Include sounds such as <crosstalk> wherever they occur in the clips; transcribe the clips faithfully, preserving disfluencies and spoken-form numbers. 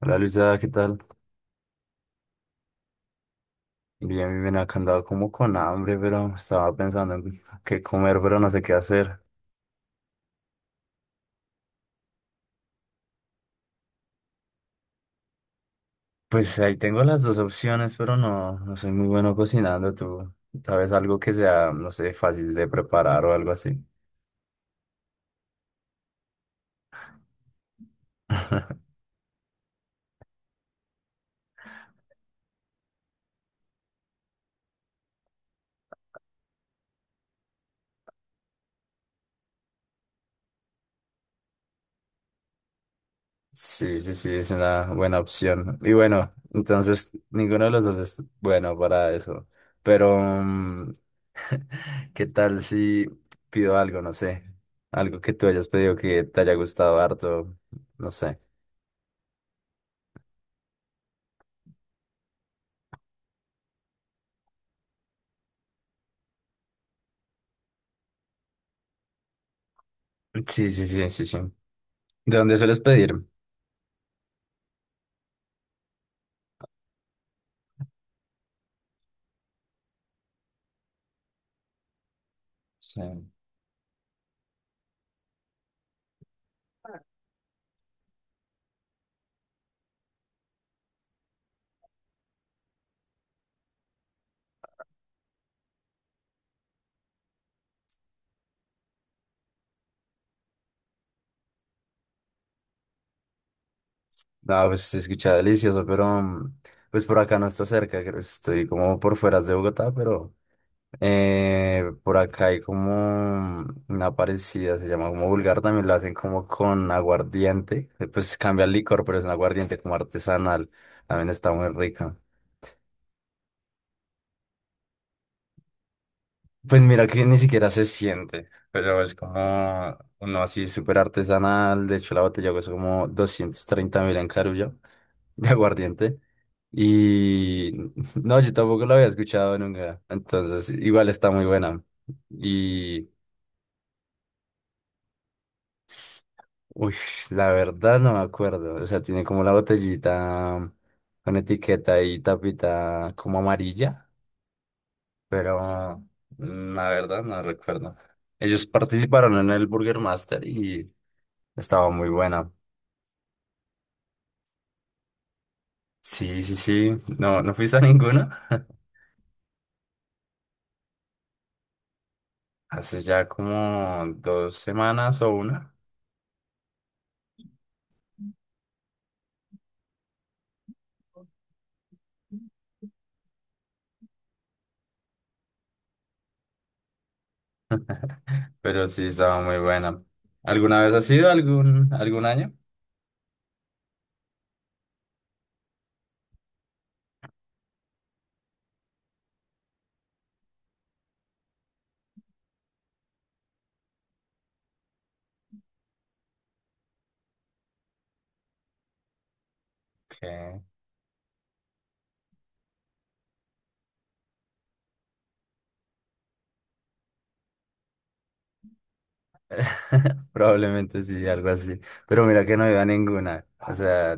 Hola Luisa, ¿qué tal? Bien, bien, bien, acá andaba como con hambre, pero estaba pensando en qué comer, pero no sé qué hacer. Pues ahí tengo las dos opciones, pero no, no soy muy bueno cocinando. ¿Tú sabes algo que sea, no sé, fácil de preparar o algo así? Sí, sí, sí, es una buena opción. Y bueno, entonces ninguno de los dos es bueno para eso. Pero, mm, <laughs> ¿qué tal si pido algo, no sé? Algo que tú hayas pedido que te haya gustado harto, no sé. Sí, sí, sí, sí, sí. ¿De dónde sueles pedir? Sí. No, pues se escucha delicioso, pero mm, pues por acá no está cerca, creo que estoy como por fuera de Bogotá, pero eh, por acá hay como mm, una parecida, se llama como vulgar, también la hacen como con aguardiente, eh, pues cambia el licor, pero es un aguardiente como artesanal, también está muy rica. Pues mira que ni siquiera se siente, pero es como uno así súper artesanal. De hecho, la botella cuesta como doscientos treinta mil en Carullo <laughs> de aguardiente. Y no, yo tampoco la había escuchado nunca. Entonces, igual está muy buena. Y, uy, la verdad no me acuerdo. O sea, tiene como la botellita con etiqueta y tapita como amarilla, pero mm, la verdad no recuerdo. Ellos participaron en el Burger Master y estaba muy buena. Sí, sí, sí. No, ¿no fuiste a ninguna? <laughs> Hace ya como dos semanas o una. <laughs> Pero sí, estaba muy buena. ¿Alguna vez has ido algún, algún año? Que <laughs> probablemente sí, algo así. Pero mira que no iba a ninguna. O sea,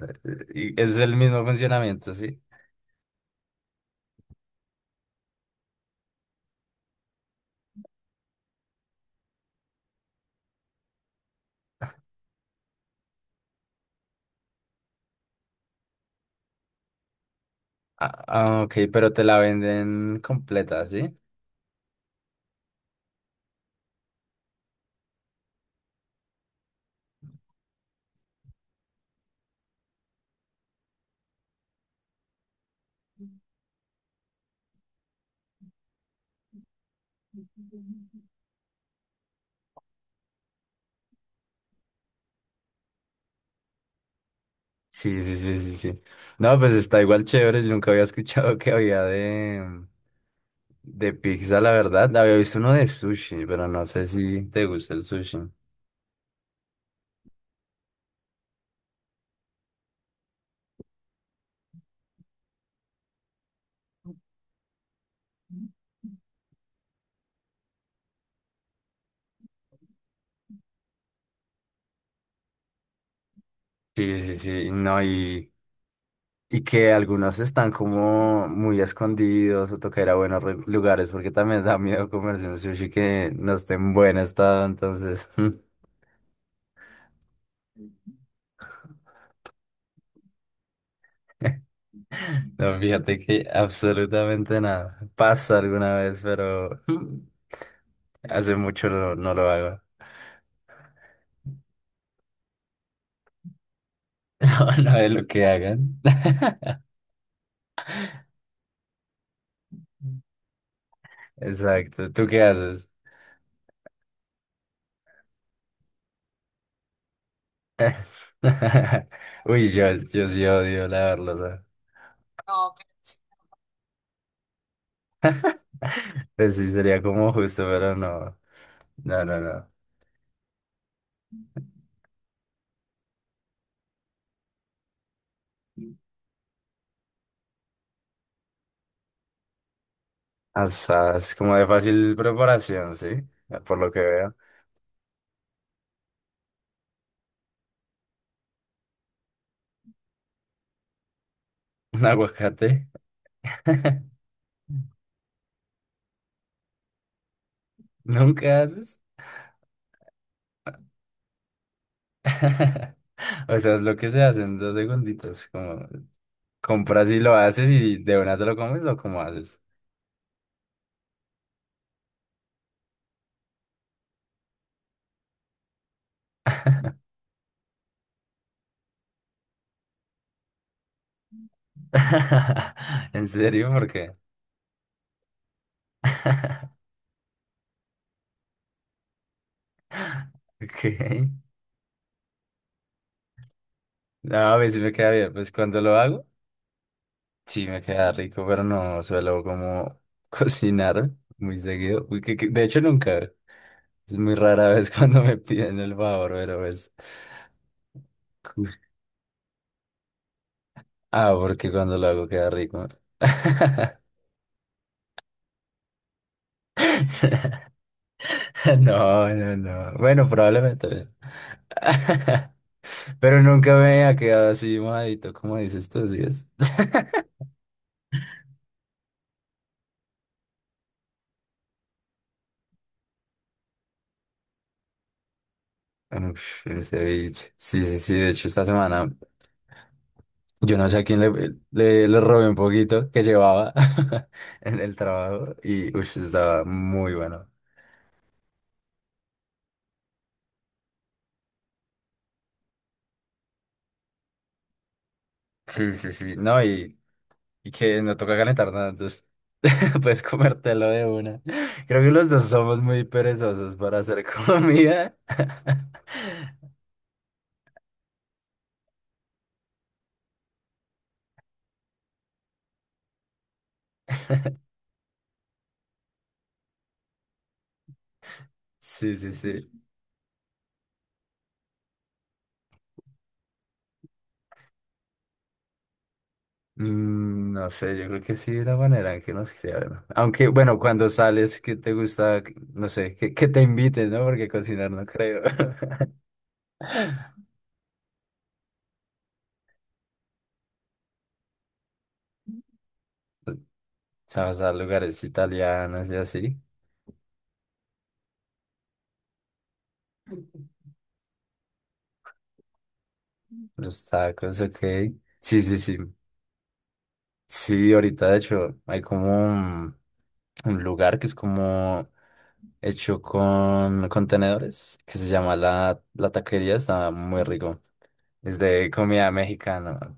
y- es el mismo funcionamiento, ¿sí? Ah, ah, ok, pero te la venden completa, ¿sí? Sí, sí, sí, sí, sí. No, pues está igual chévere. Yo nunca había escuchado que había de, De pizza, la verdad, había visto uno de sushi, pero no sé si te gusta el sushi. Sí, sí, sí, no, y, y que algunos están como muy escondidos o toca ir a buenos re- lugares porque también da miedo comerse un sushi que no esté en buen estado, entonces, <laughs> no, fíjate que absolutamente nada. Pasa alguna vez, pero <laughs> hace mucho no, no lo hago. <laughs> No, no es lo que hagan. <laughs> Exacto, ¿tú qué haces? <laughs> Uy, yo, yo sí odio lavarlos, ¿ah? Pues sí, sería como justo, pero no. No, no, no. O sea, es como de fácil preparación, ¿sí? Por lo que veo. Un aguacate. <laughs> Nunca haces. <laughs> O sea, es lo que se hace en dos segunditos. Como compras y lo haces y de una te lo comes o cómo haces. <laughs> ¿En serio? ¿Por qué? Ok. No, a mí sí me queda bien. Pues cuando lo hago. Sí, me queda rico, pero no suelo como <laughs> cocinar muy seguido. Uy, que- que- de hecho, nunca. Es muy rara vez <laughs> cuando me piden el favor, pero es... Ah, porque cuando lo hago queda rico. <laughs> No, no, no. Bueno, probablemente. <laughs> Pero nunca me ha quedado así mojadito, como dices tú, ¿sí es? <laughs> Uf, el ceviche. Sí, sí, sí. De hecho, esta semana. Yo no sé a quién le, le, le robé un poquito que llevaba <laughs> en el trabajo y ush, estaba muy bueno. Sí, sí, sí. No, y, y que no toca calentar nada, entonces <laughs> puedes comértelo de una. Creo que los dos somos muy perezosos para hacer comida. <laughs> Sí, sí, sí. Mm, no sé, yo creo que sí, la manera en que nos criaron. Aunque, bueno, cuando sales, que te gusta, no sé, que, que te inviten, ¿no? Porque cocinar no creo. Sabes a lugares italianos y así. Los tacos, ok. Sí, sí, sí. Sí, ahorita de hecho hay como un, un lugar que es como hecho con contenedores que se llama la, la taquería. Está muy rico. Es de comida mexicana.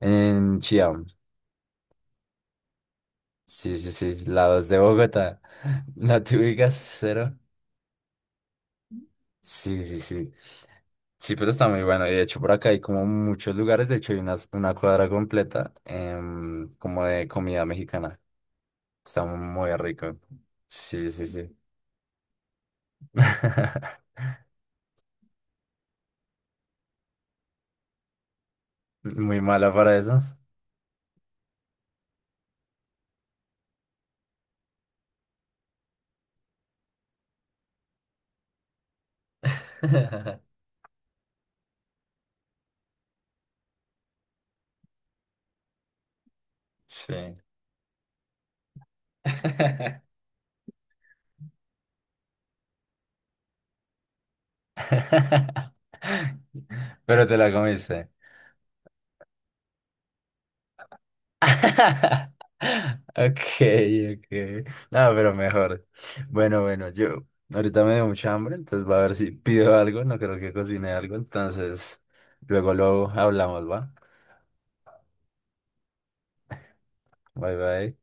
En Chiam. Sí, sí, sí. Lados de Bogotá. <laughs> ¿No te ubicas, cero? Sí, sí, sí. Sí, pero está muy bueno. Y de hecho, por acá hay como muchos lugares. De hecho, hay unas- una cuadra completa em, como de comida mexicana. Está muy rico. Sí, sí, sí. <laughs> Muy mala para esos. <laughs> Sí. <laughs> Pero te la comiste. <laughs> Okay, okay. No, pero mejor. Bueno, bueno, yo ahorita me dio mucha hambre, entonces va a ver si pido algo, no creo que cocine algo, entonces luego luego hablamos, ¿va? Bye bye.